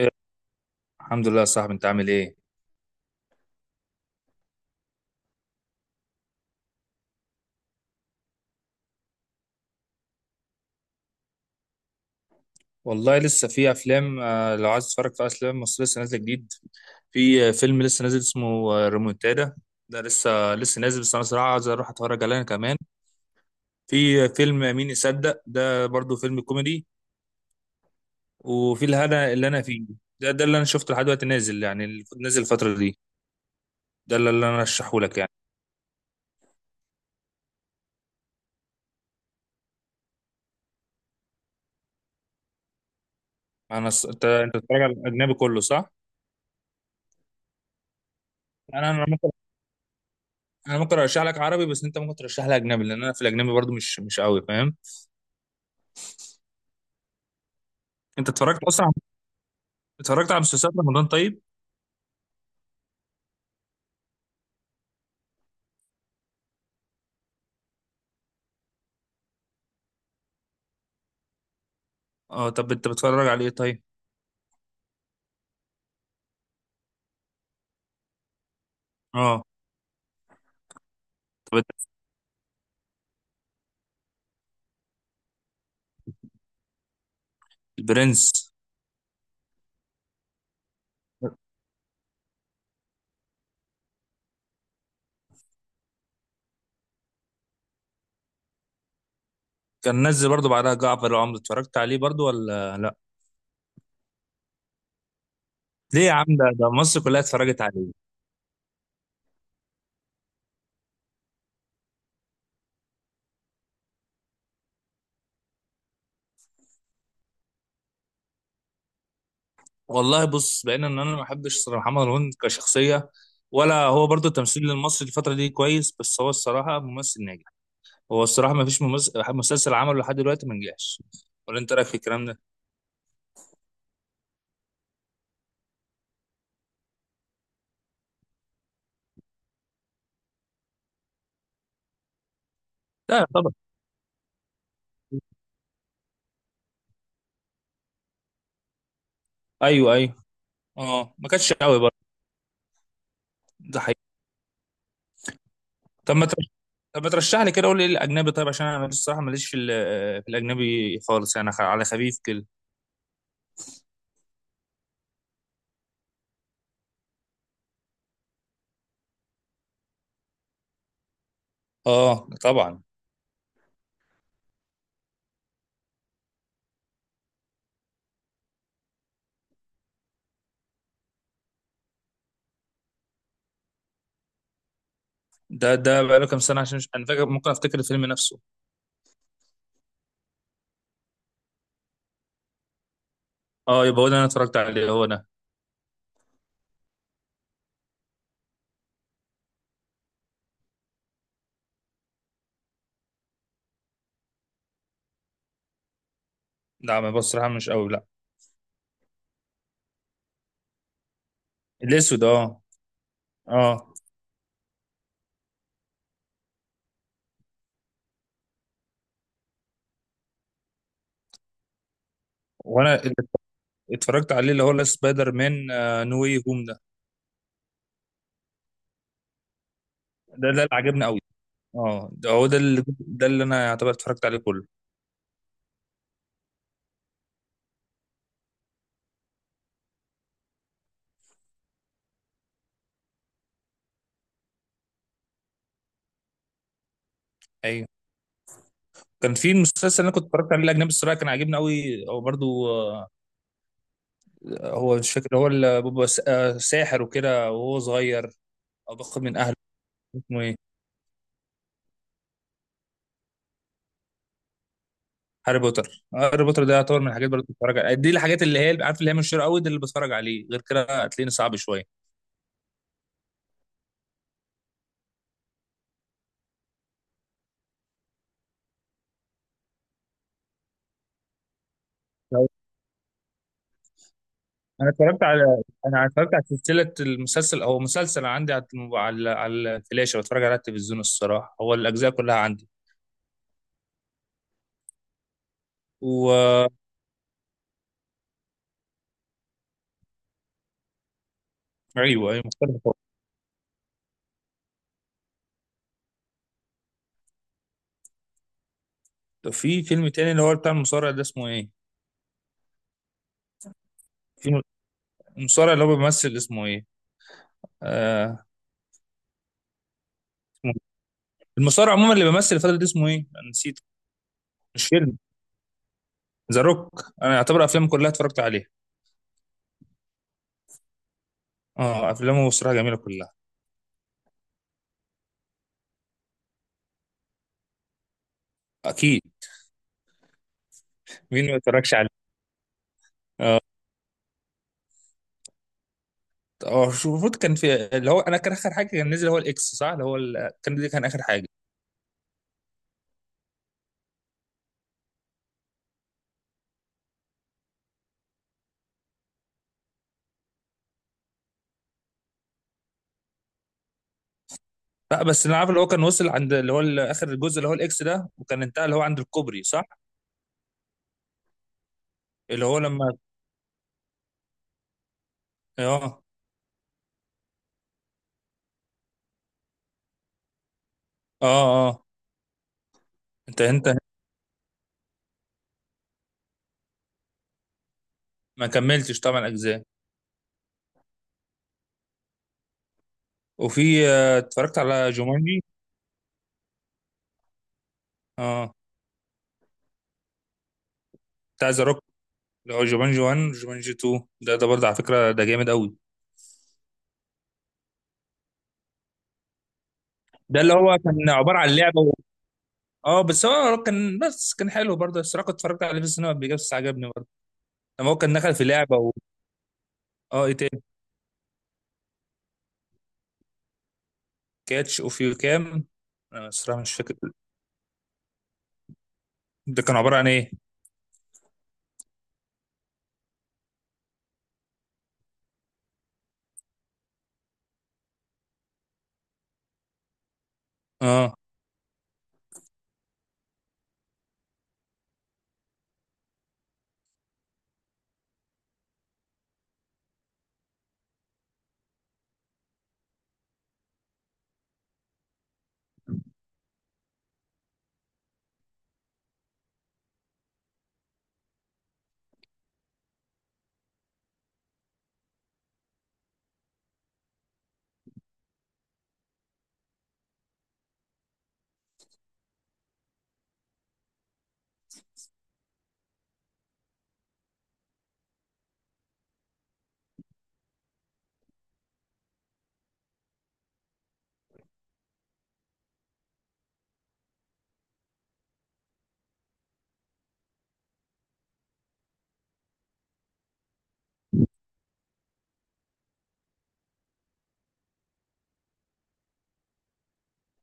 إيه، الحمد لله يا صاحبي، انت عامل ايه؟ والله لسه في افلام، لو عايز تتفرج في افلام مصريه لسه نازله جديد. في فيلم لسه نازل اسمه ريمونتادا. ده لسه نازل، بس انا صراحه عايز اروح اتفرج عليه انا كمان. في فيلم مين يصدق، ده برضو فيلم كوميدي. وفي الهنا اللي انا فيه. ده اللي انا شفته لحد دلوقتي نازل، يعني اللي نازل الفتره دي. ده اللي انا ارشحه لك يعني. انت بتتفرج على الاجنبي كله صح؟ انا انا ممكن انا ممكن ارشح لك عربي، بس انت ممكن ترشح لي اجنبي، لان انا في الاجنبي برضو مش قوي فاهم. انت اتفرجت اصلا؟ اتفرجت على مسلسلات رمضان طيب؟ اه، طب انت بتتفرج على ايه طيب؟ اه طب انت- البرنس. كان نزل برضو بعدها جعفر العمدة، اتفرجت عليه برضو ولا لا؟ ليه يا عم، ده مصر كلها اتفرجت عليه. والله بص، بقينا ان انا ما بحبش صراحة محمد رمضان كشخصية، ولا هو برضو التمثيل المصري الفترة دي كويس، بس هو الصراحة ممثل ناجح. هو الصراحة ما فيش ممثل مسلسل عمله لحد دلوقتي ما نجحش. ولا انت رايك في الكلام ده؟ لا طبعا. ايوه ايوه. اه، ما كانش قوي برضو. ده حقيقي. طب ما طب ما ترشح لي كده، قول لي ايه الاجنبي طيب، عشان انا الصراحه ماليش في في الاجنبي خالص، يعني على خفيف كده. اه طبعا. ده بقاله كام سنه، عشان مش انا فاكر، ممكن افتكر الفيلم نفسه. اه، يبقى هو ده انا اتفرجت عليه، هو ده. لا، ما بص صراحه، مش قوي لا. الاسود اه. اه، وانا اللي اتفرجت عليه اللي هو لا، سبايدر مان نو واي هوم ده. ده اللي عجبني قوي. اه، ده هو ده اللي انا يعتبر اتفرجت عليه كله. ايوه. كان في مسلسل انا كنت اتفرجت عليه الاجنبي الصراحه، كان عاجبني قوي او برضو، هو مش فاكر، هو اللي بيبقى ساحر وكده وهو صغير، او باخد من اهله. اسمه ايه؟ هاري بوتر. هاري بوتر ده يعتبر من الحاجات برضه بتفرج عليها دي، الحاجات اللي هي عارف اللي هي من الشر قوي دي اللي بتفرج عليه، غير كده هتلاقيني صعب شويه. لو- انا اتفرجت على سلسله المسلسل. هو مسلسل عندي على على الفلاشه، بتفرج على التلفزيون الصراحه، هو الاجزاء كلها عندي. و ايوه ايوه، مختلف خالص. في فيلم تاني اللي هو بتاع المصارع ده اسمه ايه؟ في م- المصارع اللي هو بيمثل اسمه ايه؟ آه. المصارع عموما اللي بيمثل الفترة دي اسمه ايه؟ انا نسيت. مش فيلم. ذا روك انا اعتبر افلامه كلها اتفرجت عليها. اه، افلامه بصراحة جميلة كلها. اكيد. مين ما اتفرجش عليه. اه، هو المفروض كان في اللي هو انا كان اخر حاجة كان نزل هو الاكس، صح؟ اللي هو كان دي كان اخر حاجة. لا، بس انا عارف اللي هو كان وصل عند اللي هو اخر الجزء اللي هو الاكس ده، وكان انتهى اللي هو عند الكوبري صح؟ اللي هو لما اه. اه اه. انت ما كملتش طبعا اجزاء. وفي اتفرجت على جومانجي. اه، بتاع ذا روك، اللي هو جومانجي 1 جومانجي 2. ده برضه على فكره، ده جامد قوي. ده اللي هو كان عباره عن لعبه و... اه بس هو كان، بس كان حلو برضه الصراحه، كنت اتفرجت عليه في السينما قبل كده بس عجبني برضه. لما هو كان دخل في لعبه و... اه ايه تاني؟ كاتش اوف يو كام. انا الصراحه مش فاكر. ده كان عباره عن ايه؟ اه،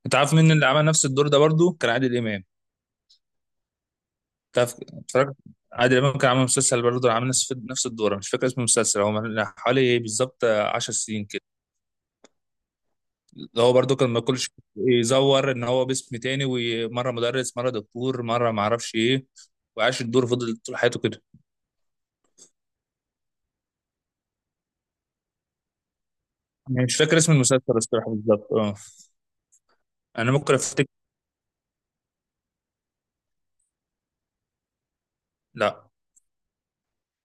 انت عارف مين اللي عمل نفس الدور ده برضه؟ كان عادل امام. تعرف اتفرجت. عادل امام كان عامل مسلسل برضه، عامل نفس الدور. أنا مش فاكر اسم المسلسل، هو من حوالي إيه بالظبط 10 سنين. اللي هو برضو كان ما كلش يزور ان هو باسم تاني، ومره مدرس، مره دكتور، مره ما اعرفش ايه، وعاش الدور، فضل طول حياته كده. انا مش فاكر اسم المسلسل الصراحه بالظبط، اه. انا ممكن افتكر. لا.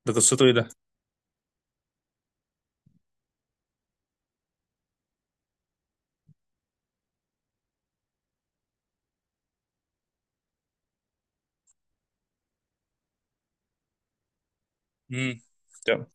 ده قصته ايه ده؟ امم. تمام.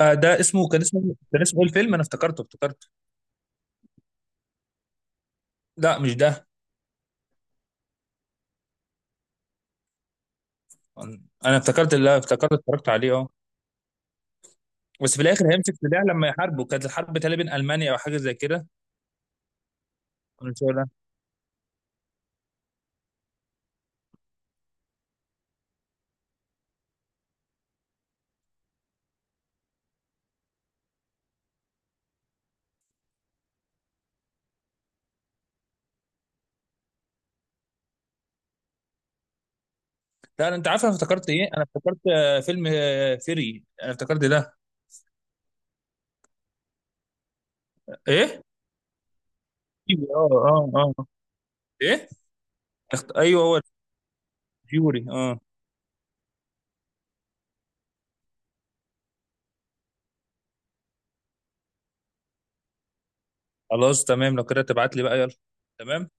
آه، ده اسمه ايه الفيلم، انا افتكرته. لا، مش ده. انا افتكرت اتفرجت عليه اه، بس في الاخر هيمسك سلاح لما يحاربوا. كانت الحرب تقريبا بين المانيا او حاجه زي كده. أنا مش فاكر ده. لا، انت عارف انا افتكرت ايه؟ انا افتكرت، فيلم، فيري، انا افتكرت ده. ايه. فيوري اه اه. اه ايه. ايوه هو فيوري اه. خلاص تمام، لو كده تبعت لي بقى يلا. تمام.